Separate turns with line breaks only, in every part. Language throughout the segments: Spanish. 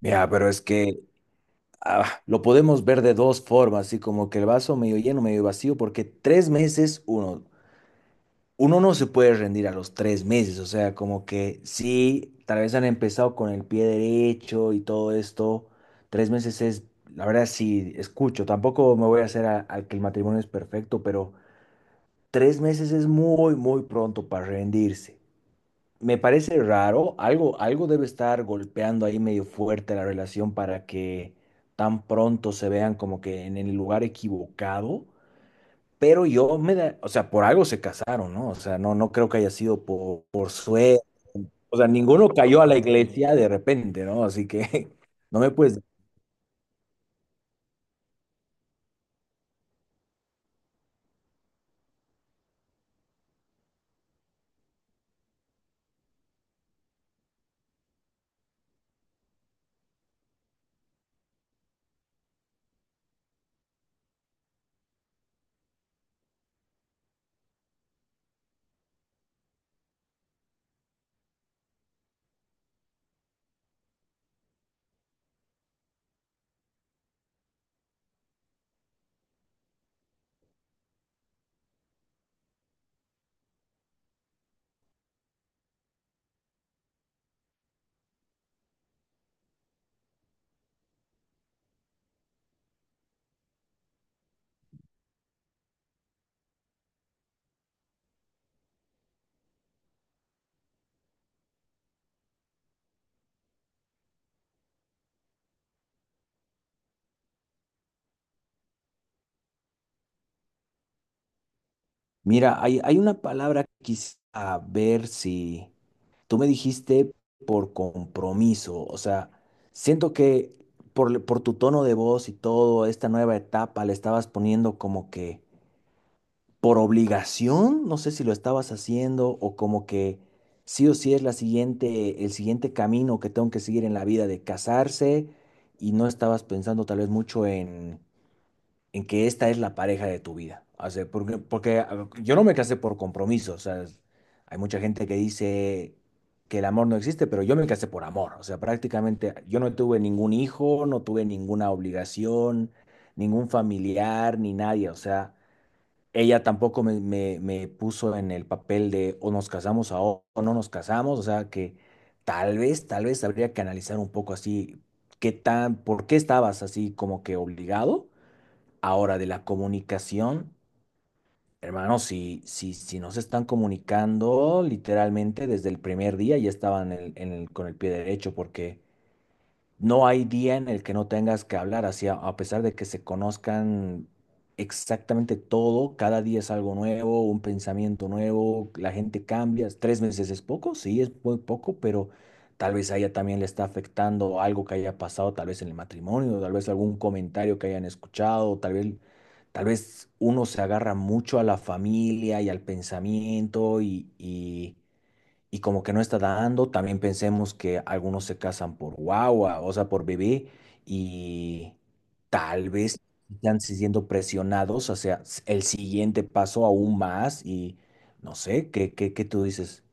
Mira, pero es que lo podemos ver de dos formas, así como que el vaso medio lleno, medio vacío, porque 3 meses, uno no se puede rendir a los 3 meses, o sea, como que sí, tal vez han empezado con el pie derecho y todo esto, 3 meses es, la verdad sí, escucho, tampoco me voy a hacer al que el matrimonio es perfecto, pero 3 meses es muy, muy pronto para rendirse. Me parece raro, algo, algo debe estar golpeando ahí medio fuerte la relación para que tan pronto se vean como que en el lugar equivocado, pero yo me da, o sea, por algo se casaron, ¿no? O sea, no, no creo que haya sido por suerte, o sea, ninguno cayó a la iglesia de repente, ¿no? Así que no me puedes. Mira, hay una palabra que quisiera ver si tú me dijiste por compromiso, o sea, siento que por tu tono de voz y todo, esta nueva etapa le estabas poniendo como que por obligación, no sé si lo estabas haciendo o como que sí o sí es la siguiente, el siguiente camino que tengo que seguir en la vida de casarse y no estabas pensando tal vez mucho en que esta es la pareja de tu vida. O sea, porque a ver, yo no me casé por compromiso. O sea, hay mucha gente que dice que el amor no existe, pero yo me casé por amor. O sea, prácticamente yo no tuve ningún hijo, no tuve ninguna obligación, ningún familiar, ni nadie. O sea, ella tampoco me puso en el papel de o nos casamos ahora o no nos casamos. O sea, que tal vez habría que analizar un poco así. ¿Qué tan, por qué estabas así como que obligado? Ahora, de la comunicación, hermano, si no se están comunicando, literalmente desde el primer día ya estaban con el pie derecho, porque no hay día en el que no tengas que hablar así, a pesar de que se conozcan exactamente todo, cada día es algo nuevo, un pensamiento nuevo, la gente cambia. 3 meses es poco, sí, es muy poco, pero tal vez a ella también le está afectando algo que haya pasado, tal vez en el matrimonio, tal vez algún comentario que hayan escuchado, tal vez uno se agarra mucho a la familia y al pensamiento y como que no está dando. También pensemos que algunos se casan por guagua, o sea, por bebé, y tal vez están siendo presionados hacia el siguiente paso aún más y no sé, ¿qué tú dices?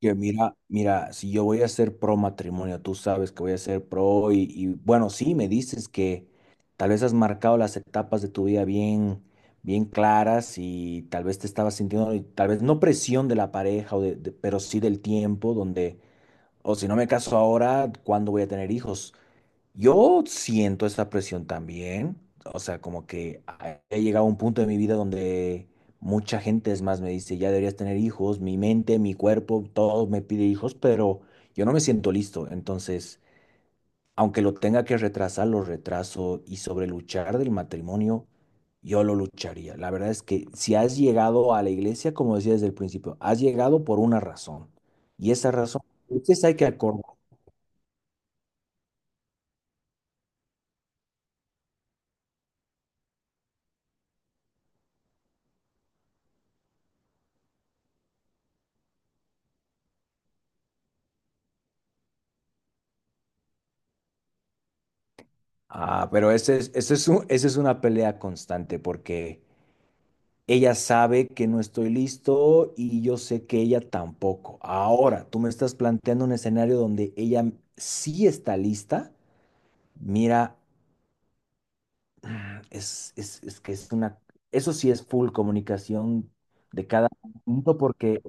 Que mira, mira, si yo voy a ser pro matrimonio, tú sabes que voy a ser pro bueno, sí, me dices que tal vez has marcado las etapas de tu vida bien, bien claras y tal vez te estabas sintiendo, y tal vez no presión de la pareja, o pero sí del tiempo, donde, o si no me caso ahora, ¿cuándo voy a tener hijos? Yo siento esa presión también, o sea, como que he llegado a un punto de mi vida donde mucha gente es más me dice, ya deberías tener hijos, mi mente, mi cuerpo, todo me pide hijos, pero yo no me siento listo, entonces, aunque lo tenga que retrasar, lo retraso y sobre luchar del matrimonio, yo lo lucharía. La verdad es que si has llegado a la iglesia, como decía desde el principio, has llegado por una razón y esa razón, entonces hay que acordar. Ah, pero ese es un- esa es una pelea constante porque ella sabe que no estoy listo y yo sé que ella tampoco. Ahora, tú me estás planteando un escenario donde ella sí está lista. Mira, es que es una, eso sí es full comunicación de cada punto porque.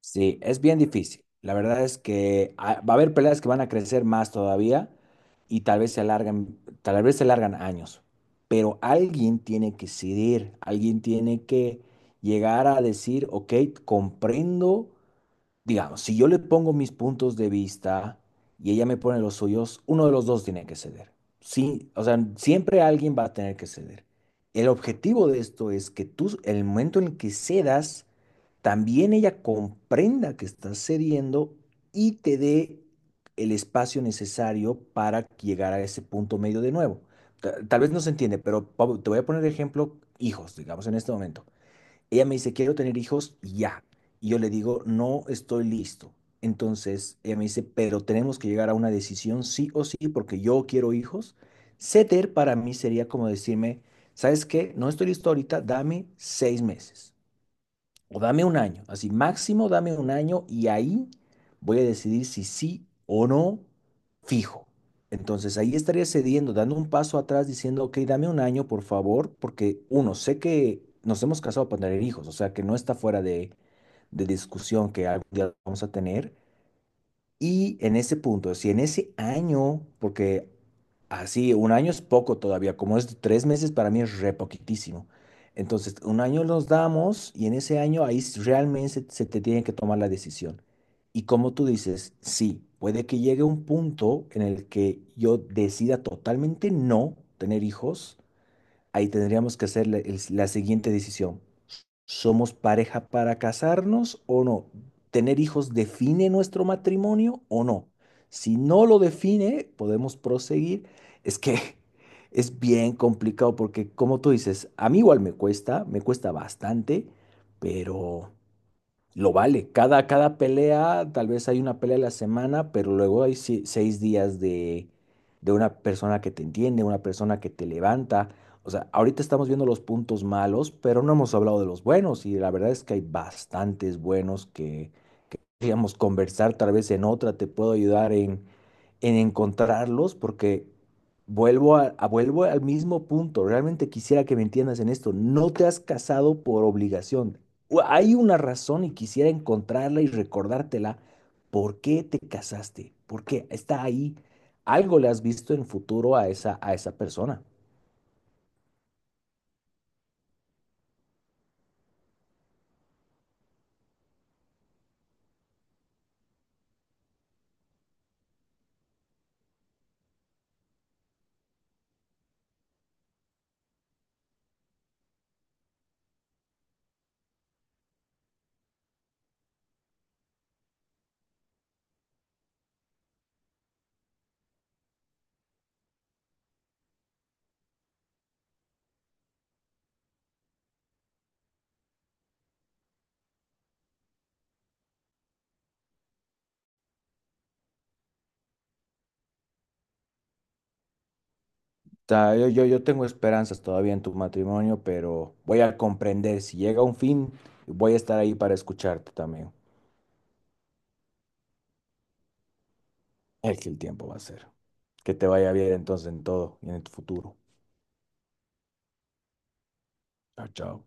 Sí, es bien difícil. La verdad es que va a haber peleas que van a crecer más todavía y tal vez se alargan, tal vez se alargan años. Pero alguien tiene que ceder, alguien tiene que llegar a decir, ok, comprendo, digamos, si yo le pongo mis puntos de vista y ella me pone los suyos, uno de los dos tiene que ceder. Sí, o sea, siempre alguien va a tener que ceder. El objetivo de esto es que tú, el momento en el que cedas, también ella comprenda que estás cediendo y te dé el espacio necesario para llegar a ese punto medio de nuevo. Tal vez no se entiende, pero Pablo, te voy a poner de ejemplo hijos, digamos, en este momento. Ella me dice, quiero tener hijos ya. Y yo le digo, no estoy listo. Entonces ella me dice, pero tenemos que llegar a una decisión sí o sí, porque yo quiero hijos. Ceder para mí sería como decirme, ¿sabes qué? No estoy listo ahorita, dame 6 meses. O dame un año, así máximo dame un año y ahí voy a decidir si sí o no fijo. Entonces ahí estaría cediendo, dando un paso atrás, diciendo, ok, dame un año, por favor, porque uno, sé que nos hemos casado para tener hijos, o sea que no está fuera de discusión que algún día vamos a tener. Y en ese punto, si en ese año, porque así, un año es poco todavía, como es 3 meses, para mí es re poquitísimo. Entonces, un año nos damos y en ese año ahí s- realmente se te tiene que tomar la decisión. Y como tú dices, sí, puede que llegue un punto en el que yo decida totalmente no tener hijos ahí tendríamos que hacer la, la siguiente decisión. ¿Somos pareja para casarnos o no? ¿Tener hijos define nuestro matrimonio o no? Si no lo define, podemos proseguir. Es que es bien complicado porque, como tú dices, a mí igual me cuesta bastante, pero... Lo vale. Cada pelea, tal vez hay una pelea a la semana, pero luego hay 6 días de una persona que te entiende, una persona que te levanta. O sea, ahorita estamos viendo los puntos malos, pero no hemos hablado de los buenos y la verdad es que hay bastantes buenos que podríamos conversar tal vez en otra, te puedo ayudar en encontrarlos porque vuelvo al mismo punto. Realmente quisiera que me entiendas en esto. No te has casado por obligación. Hay una razón y quisiera encontrarla y recordártela. ¿Por qué te casaste? ¿Por qué está ahí? Algo le has visto en futuro a esa persona. O yo tengo esperanzas todavía en tu matrimonio, pero voy a comprender. Si llega un fin, voy a estar ahí para escucharte también. Es que el tiempo va a ser. Que te vaya bien entonces en todo y en el futuro. Chao, chao.